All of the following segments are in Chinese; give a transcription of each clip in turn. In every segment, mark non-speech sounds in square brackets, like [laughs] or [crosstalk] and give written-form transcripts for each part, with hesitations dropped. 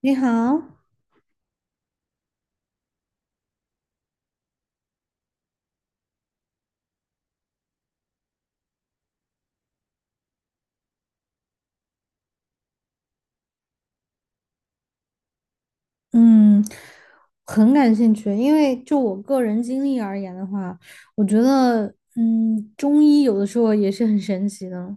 你好，嗯，很感兴趣，因为就我个人经历而言的话，我觉得，中医有的时候也是很神奇的。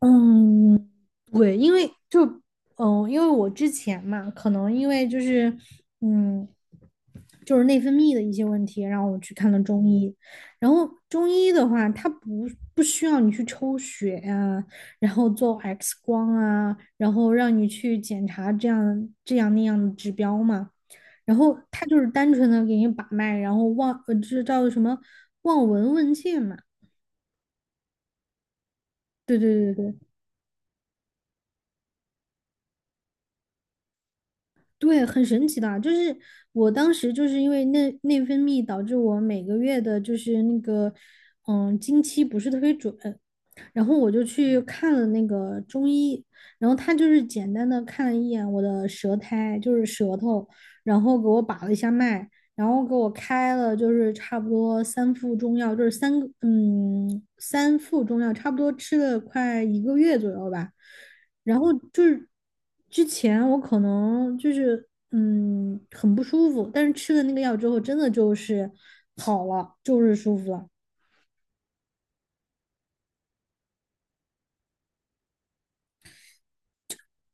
嗯，对，因为我之前嘛，可能因为就是嗯，内分泌的一些问题，然后我去看了中医。然后中医的话，它不需要你去抽血啊，然后做 X 光啊，然后让你去检查这样那样的指标嘛。然后它就是单纯的给你把脉，然后这叫什么望闻问切嘛。对对对对。对，很神奇的，就是我当时就是因为内分泌导致我每个月的，就是那个，经期不是特别准，然后我就去看了那个中医，然后他就是简单的看了一眼我的舌苔，就是舌头，然后给我把了一下脉，然后给我开了就是差不多三副中药，就是三个嗯三副中药，差不多吃了快一个月左右吧。然后就是之前我可能就是很不舒服，但是吃了那个药之后，真的就是好了，就是舒服了。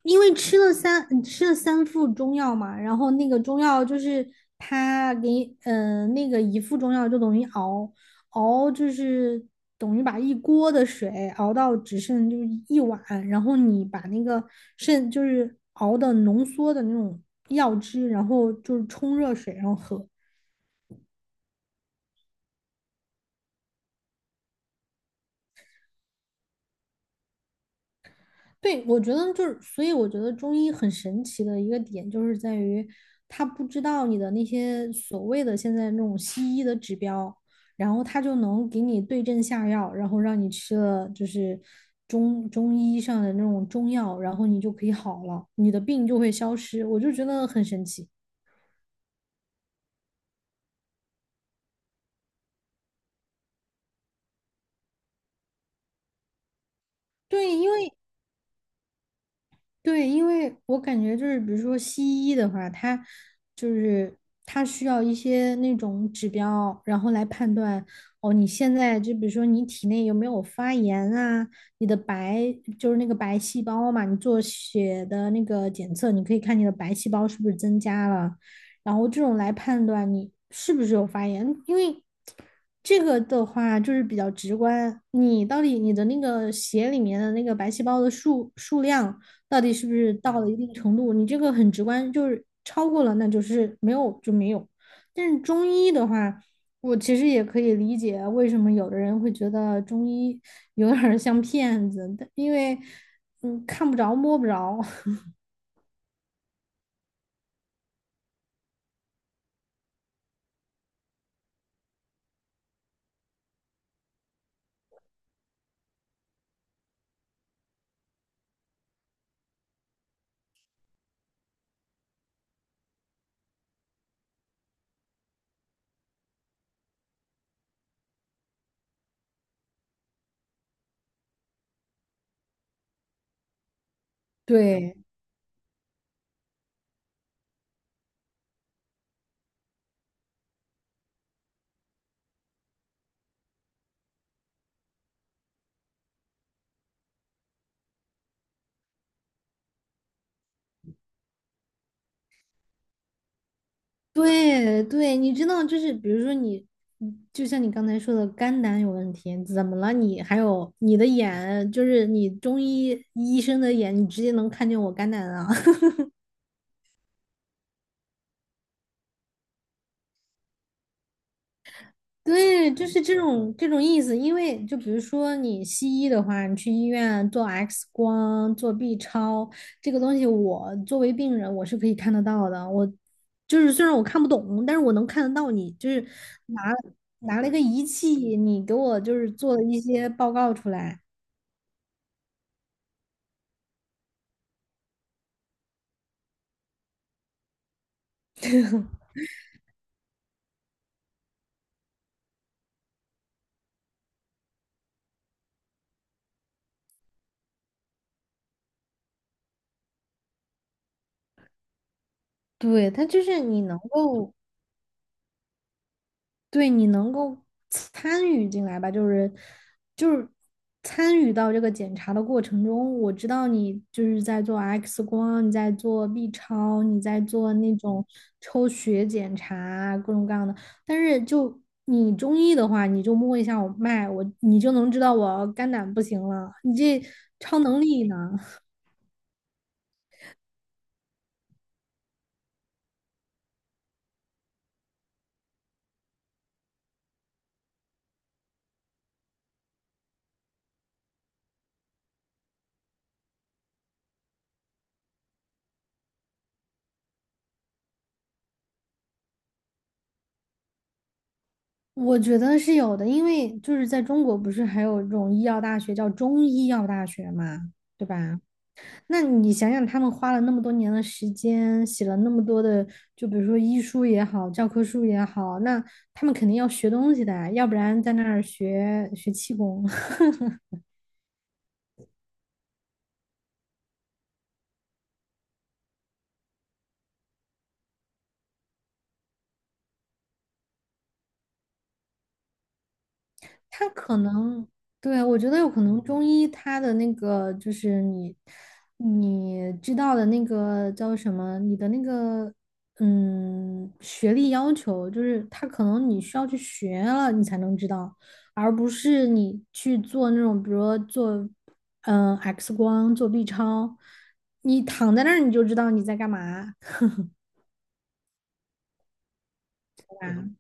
因为吃了三副中药嘛，然后那个中药就是他给你那个一副中药就等于熬就是等于把一锅的水熬到只剩就是一碗，然后你把那个就是熬的浓缩的那种药汁，然后就是冲热水然后喝。对，我觉得就是，所以我觉得中医很神奇的一个点就是在于，他不知道你的那些所谓的现在那种西医的指标，然后他就能给你对症下药，然后让你吃了就是中医上的那种中药，然后你就可以好了，你的病就会消失。我就觉得很神奇。对，因为我感觉就是，比如说西医的话，它就是它需要一些那种指标，然后来判断哦，你现在就比如说你体内有没有发炎啊，你的就是那个白细胞嘛，你做血的那个检测，你可以看你的白细胞是不是增加了，然后这种来判断你是不是有发炎，因为这个的话就是比较直观，你到底你的那个血里面的那个白细胞的量。到底是不是到了一定程度，你这个很直观，就是超过了，那就是没有就没有。但是中医的话，我其实也可以理解为什么有的人会觉得中医 [laughs] 有点像骗子，但因为看不着摸不着。[laughs] 对对对，你知道，就是比如说你，就像你刚才说的肝胆有问题，怎么了你？还有你的眼，就是你中医医生的眼，你直接能看见我肝胆啊？[laughs] 对，就是这种意思。因为就比如说你西医的话，你去医院做 X 光、做 B 超，这个东西我作为病人我是可以看得到的。我就是虽然我看不懂，但是我能看得到你就是拿拿了一个仪器，你给我就是做了一些报告出来。对，它就是你能够对，你能够参与进来吧，就是就是参与到这个检查的过程中，我知道你就是在做 X 光，你在做 B 超，你在做那种抽血检查，各种各样的。但是你中医的话，你就摸一下我脉，你就能知道我肝胆不行了。你这超能力呢？我觉得是有的，因为就是在中国不是还有这种医药大学叫中医药大学嘛，对吧？那你想想，他们花了那么多年的时间，写了那么多的，就比如说医书也好，教科书也好，那他们肯定要学东西的啊，要不然在那儿学学气功。[laughs] 他可能，对，我觉得有可能中医它的那个就是你知道的那个叫什么，你的那个学历要求，就是他可能你需要去学了你才能知道，而不是你去做那种比如说做X 光、做 B 超，你躺在那儿你就知道你在干嘛，对吧？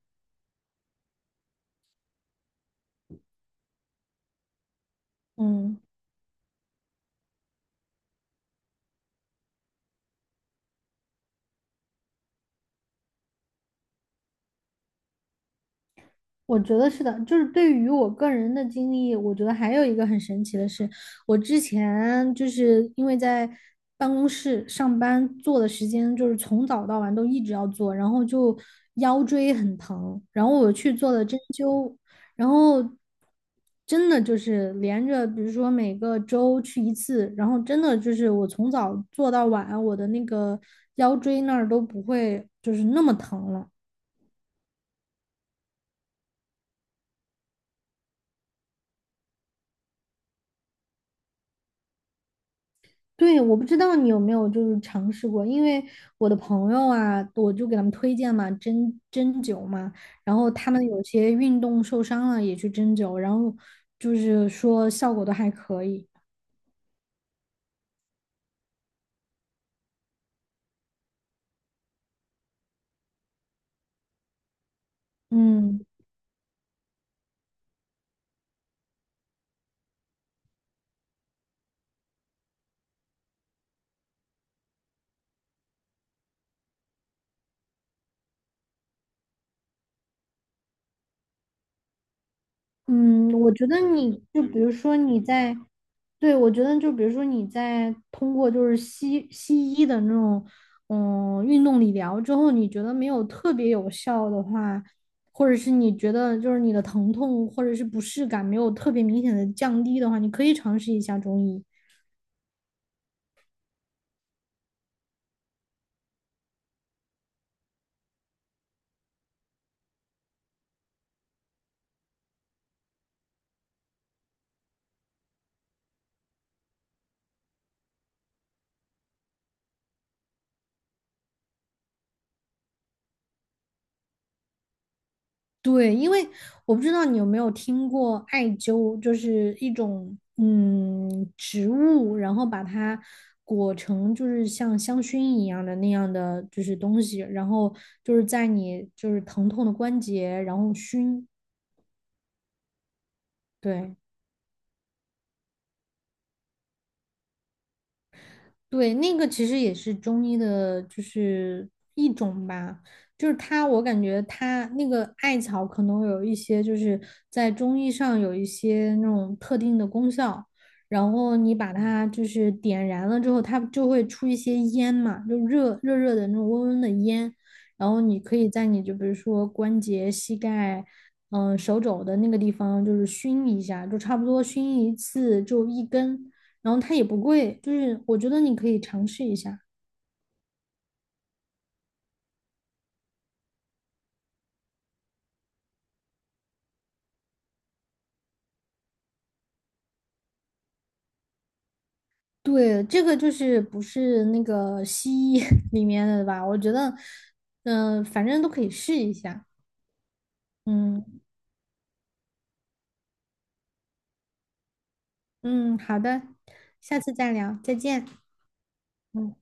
嗯。我觉得是的，就是对于我个人的经历，我觉得还有一个很神奇的是，我之前就是因为在办公室上班做的时间就是从早到晚都一直要做，然后就腰椎很疼，然后我去做了针灸，然后真的就是连着，比如说每个周去一次，然后真的就是我从早做到晚，我的那个腰椎那儿都不会就是那么疼了。对，我不知道你有没有就是尝试过，因为我的朋友啊，我就给他们推荐嘛，针灸嘛，然后他们有些运动受伤了也去针灸，然后就是说效果都还可以。嗯。嗯，我觉得你就比如说你在，对，我觉得就比如说你在通过就是西医的那种运动理疗之后，你觉得没有特别有效的话，或者是你觉得就是你的疼痛或者是不适感没有特别明显的降低的话，你可以尝试一下中医。对，因为我不知道你有没有听过艾灸，就是一种植物，然后把它裹成就是像香薰一样的那样的就是东西，然后就是在你就是疼痛的关节，然后熏。对，对，那个其实也是中医的，就是一种吧。就是它，我感觉它那个艾草可能有一些，就是在中医上有一些那种特定的功效。然后你把它就是点燃了之后，它就会出一些烟嘛，就热热的那种温温的烟。然后你可以在你就比如说关节、膝盖、手肘的那个地方，就是熏一下，就差不多熏一次，就一根。然后它也不贵，就是我觉得你可以尝试一下。对，这个就是不是那个西医 [laughs] 里面的吧？我觉得，反正都可以试一下。嗯嗯，好的，下次再聊，再见。嗯。